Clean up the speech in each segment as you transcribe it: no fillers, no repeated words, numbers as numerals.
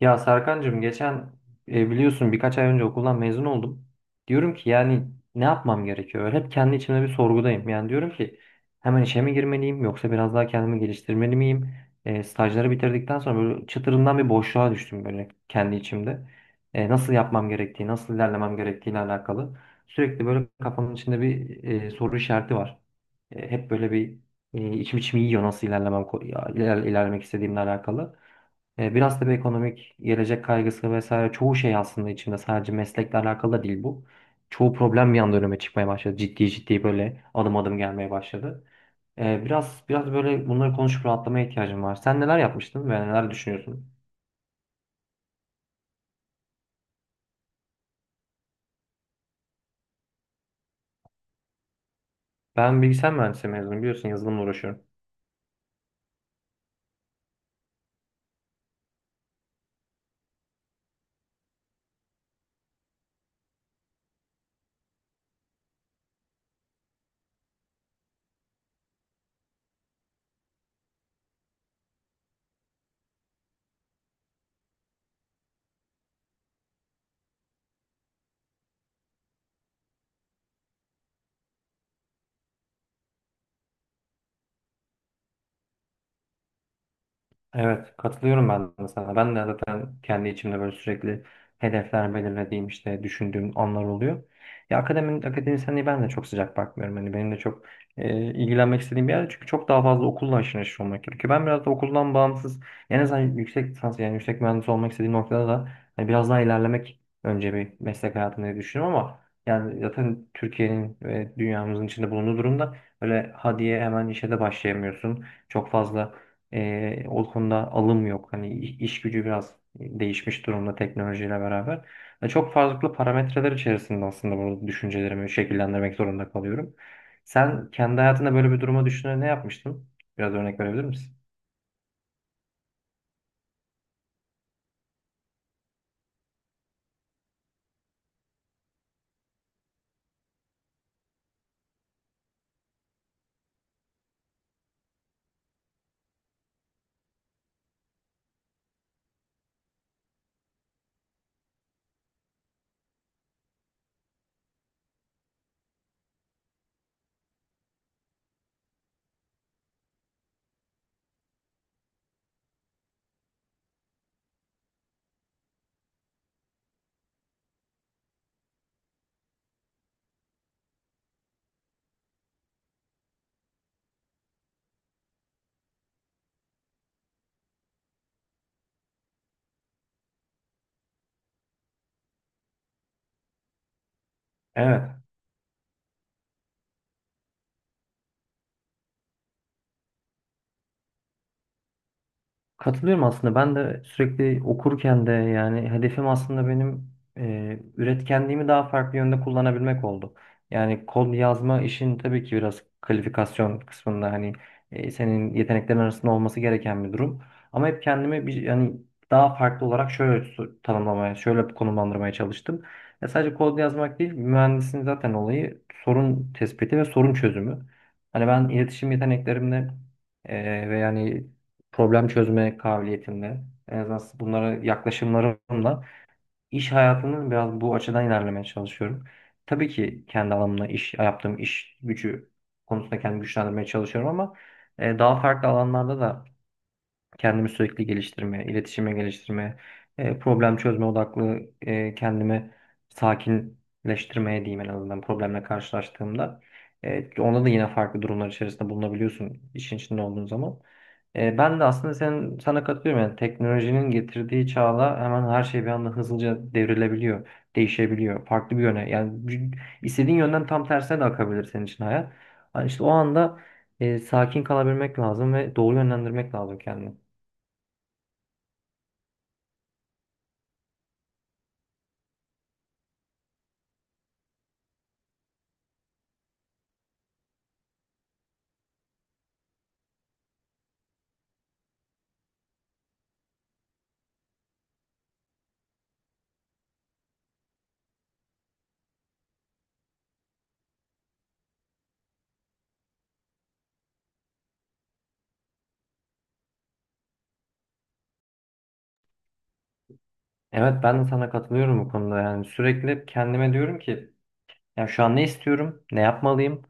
Ya Serkancığım geçen biliyorsun birkaç ay önce okuldan mezun oldum. Diyorum ki yani ne yapmam gerekiyor? Hep kendi içimde bir sorgudayım. Yani diyorum ki hemen işe mi girmeliyim yoksa biraz daha kendimi geliştirmeli miyim? Stajları bitirdikten sonra böyle çıtırından bir boşluğa düştüm böyle kendi içimde. Nasıl yapmam gerektiği, nasıl ilerlemem gerektiğiyle alakalı. Sürekli böyle kafamın içinde bir soru işareti var. Hep böyle bir içim içimi yiyor nasıl ilerlemem, ilerlemek istediğimle alakalı. Biraz tabii ekonomik gelecek kaygısı vesaire çoğu şey aslında içinde sadece meslekle alakalı da değil bu. Çoğu problem bir anda önüme çıkmaya başladı. Ciddi ciddi böyle adım adım gelmeye başladı. Biraz böyle bunları konuşup rahatlamaya ihtiyacım var. Sen neler yapmıştın ve neler düşünüyorsun? Ben bilgisayar mühendisliği mezunuyum, biliyorsun yazılımla uğraşıyorum. Evet, katılıyorum ben de sana. Ben de zaten kendi içimde böyle sürekli hedefler belirlediğim, işte düşündüğüm anlar oluyor. Ya akademisyenliği ben de çok sıcak bakmıyorum. Hani benim de çok ilgilenmek istediğim bir yer, çünkü çok daha fazla okulla haşır neşir olmak gerekiyor. Ben biraz da okuldan bağımsız, en azından yüksek lisans yani yüksek mühendis olmak istediğim noktada da hani biraz daha ilerlemek önce bir meslek hayatında diye düşünüyorum. Ama yani zaten Türkiye'nin ve dünyamızın içinde bulunduğu durumda öyle ha diye hemen işe de başlayamıyorsun. Çok fazla o konuda alım yok. Hani iş gücü biraz değişmiş durumda teknolojiyle beraber. Ya çok farklı parametreler içerisinde aslında bu düşüncelerimi şekillendirmek zorunda kalıyorum. Sen kendi hayatında böyle bir duruma düşünerek ne yapmıştın? Biraz örnek verebilir misin? Evet. Katılıyorum aslında. Ben de sürekli okurken de yani hedefim aslında benim üretkenliğimi daha farklı yönde kullanabilmek oldu. Yani kod yazma işin tabii ki biraz kalifikasyon kısmında hani senin yeteneklerin arasında olması gereken bir durum. Ama hep kendimi bir, yani daha farklı olarak şöyle tanımlamaya, şöyle konumlandırmaya çalıştım. Ya sadece kod yazmak değil, mühendisin zaten olayı sorun tespiti ve sorun çözümü. Hani ben iletişim yeteneklerimle ve yani problem çözme kabiliyetimle, en azından bunlara yaklaşımlarımla iş hayatını biraz bu açıdan ilerlemeye çalışıyorum. Tabii ki kendi alanımda iş yaptığım iş gücü konusunda kendimi güçlendirmeye çalışıyorum, ama daha farklı alanlarda da kendimi sürekli geliştirmeye, iletişime geliştirmeye, problem çözme odaklı kendimi sakinleştirmeye diyeyim, en azından problemle karşılaştığımda. Onda da yine farklı durumlar içerisinde bulunabiliyorsun işin içinde olduğun zaman. Ben de aslında sana katılıyorum. Yani teknolojinin getirdiği çağla hemen her şey bir anda hızlıca devrilebiliyor, değişebiliyor. Farklı bir yöne. Yani istediğin yönden tam tersine de akabilir senin için hayat. Yani işte o anda sakin kalabilmek lazım ve doğru yönlendirmek lazım kendini. Evet, ben de sana katılıyorum bu konuda. Yani sürekli hep kendime diyorum ki yani şu an ne istiyorum? Ne yapmalıyım?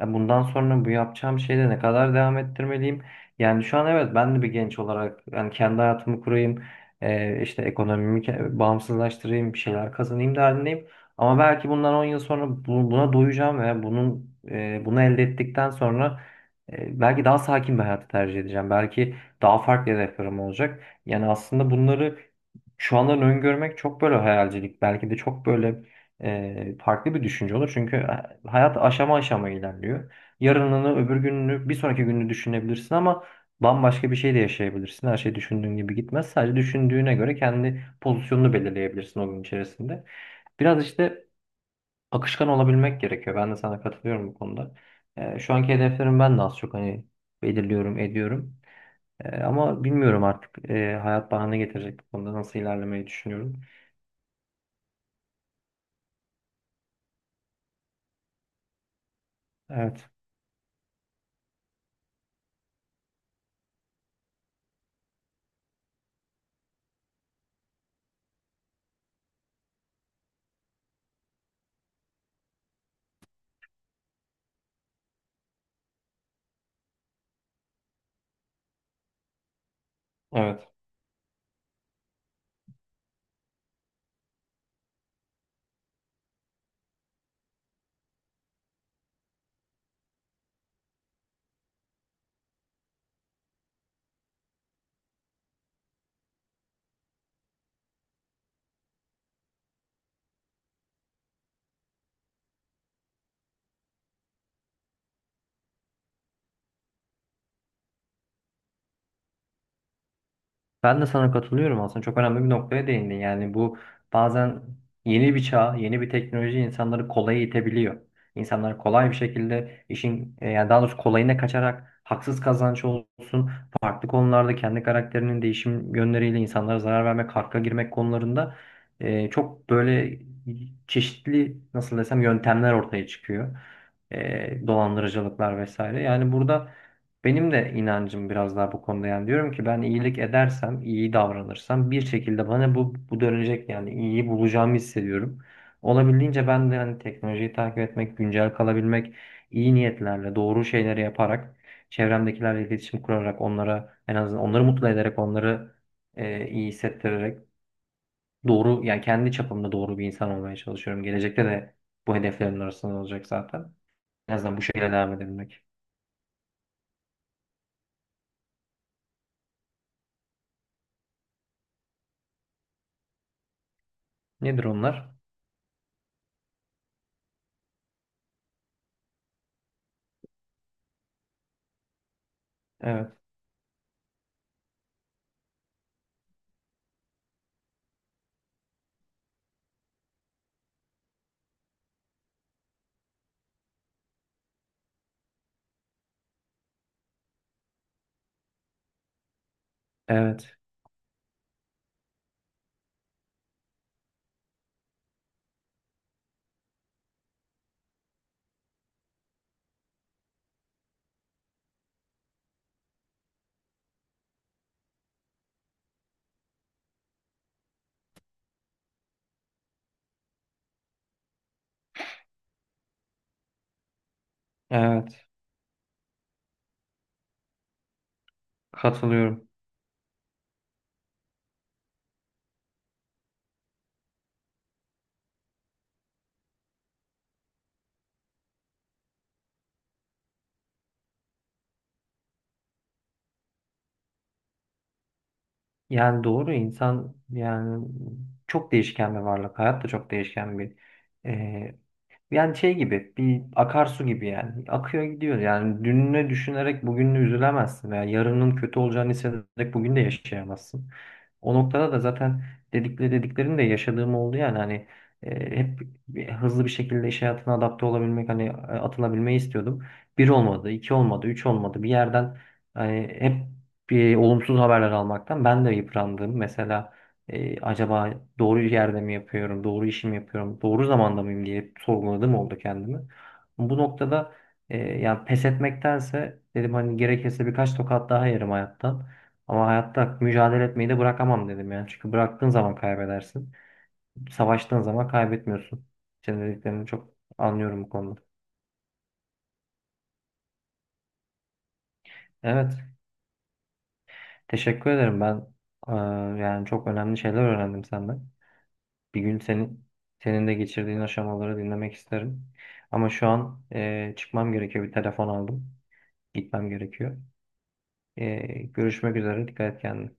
Bundan sonra bu yapacağım şeyde ne kadar devam ettirmeliyim? Yani şu an evet, ben de bir genç olarak yani kendi hayatımı kurayım, işte ekonomimi bağımsızlaştırayım. Bir şeyler kazanayım derdindeyim. Ama belki bundan 10 yıl sonra buna doyacağım ve bunun bunu elde ettikten sonra belki daha sakin bir hayatı tercih edeceğim. Belki daha farklı hedeflerim olacak. Yani aslında bunları şu andan öngörmek çok böyle hayalcilik. Belki de çok böyle farklı bir düşünce olur. Çünkü hayat aşama aşama ilerliyor. Yarınını, öbür gününü, bir sonraki gününü düşünebilirsin, ama bambaşka bir şey de yaşayabilirsin. Her şey düşündüğün gibi gitmez. Sadece düşündüğüne göre kendi pozisyonunu belirleyebilirsin o gün içerisinde. Biraz işte akışkan olabilmek gerekiyor. Ben de sana katılıyorum bu konuda. Şu anki hedeflerim ben de az çok hani belirliyorum, ediyorum. Ama bilmiyorum artık, hayat bana ne getirecek, bu konuda nasıl ilerlemeyi düşünüyorum. Evet. Evet. Ben de sana katılıyorum aslında. Çok önemli bir noktaya değindin. Yani bu bazen yeni bir çağ, yeni bir teknoloji insanları kolaya itebiliyor. İnsanlar kolay bir şekilde işin yani daha doğrusu kolayına kaçarak, haksız kazanç olsun, farklı konularda kendi karakterinin değişim yönleriyle insanlara zarar vermek, hakka girmek konularında çok böyle çeşitli, nasıl desem, yöntemler ortaya çıkıyor. Dolandırıcılıklar vesaire. Yani burada benim de inancım biraz daha bu konuda, yani diyorum ki ben iyilik edersem, iyi davranırsam bir şekilde bana bu dönecek, yani iyiyi bulacağımı hissediyorum. Olabildiğince ben de hani teknolojiyi takip etmek, güncel kalabilmek, iyi niyetlerle, doğru şeyleri yaparak, çevremdekilerle iletişim kurarak, onlara en azından onları mutlu ederek, onları iyi hissettirerek, doğru yani kendi çapımda doğru bir insan olmaya çalışıyorum. Gelecekte de bu hedeflerin arasında olacak zaten. En azından bu şekilde devam edebilmek. Nedir onlar? Evet. Evet. Evet, katılıyorum. Yani doğru, insan yani çok değişken bir varlık. Hayat da çok değişken bir e, yani şey gibi, bir akarsu gibi yani, akıyor gidiyor. Yani dününü düşünerek bugününü üzülemezsin veya yarının kötü olacağını hissederek bugün de yaşayamazsın. O noktada da zaten dediklerini de yaşadığım oldu yani. Hani hep hızlı bir şekilde iş hayatına adapte olabilmek, hani atılabilmeyi istiyordum. Bir olmadı, iki olmadı, üç olmadı, bir yerden hani hep bir olumsuz haberler almaktan ben de yıprandım. Mesela acaba doğru yerde mi yapıyorum, doğru işimi yapıyorum, doğru zamanda mıyım diye sorguladım oldu kendimi. Bu noktada yani pes etmektense dedim hani, gerekirse birkaç tokat daha yerim hayattan. Ama hayatta mücadele etmeyi de bırakamam dedim yani. Çünkü bıraktığın zaman kaybedersin. Savaştığın zaman kaybetmiyorsun. Senin dediklerini çok anlıyorum bu konuda. Evet, teşekkür ederim ben. e, Yani çok önemli şeyler öğrendim senden. Bir gün senin de geçirdiğin aşamaları dinlemek isterim. Ama şu an çıkmam gerekiyor. Bir telefon aldım. Gitmem gerekiyor. E, Görüşmek üzere. Dikkat et kendine.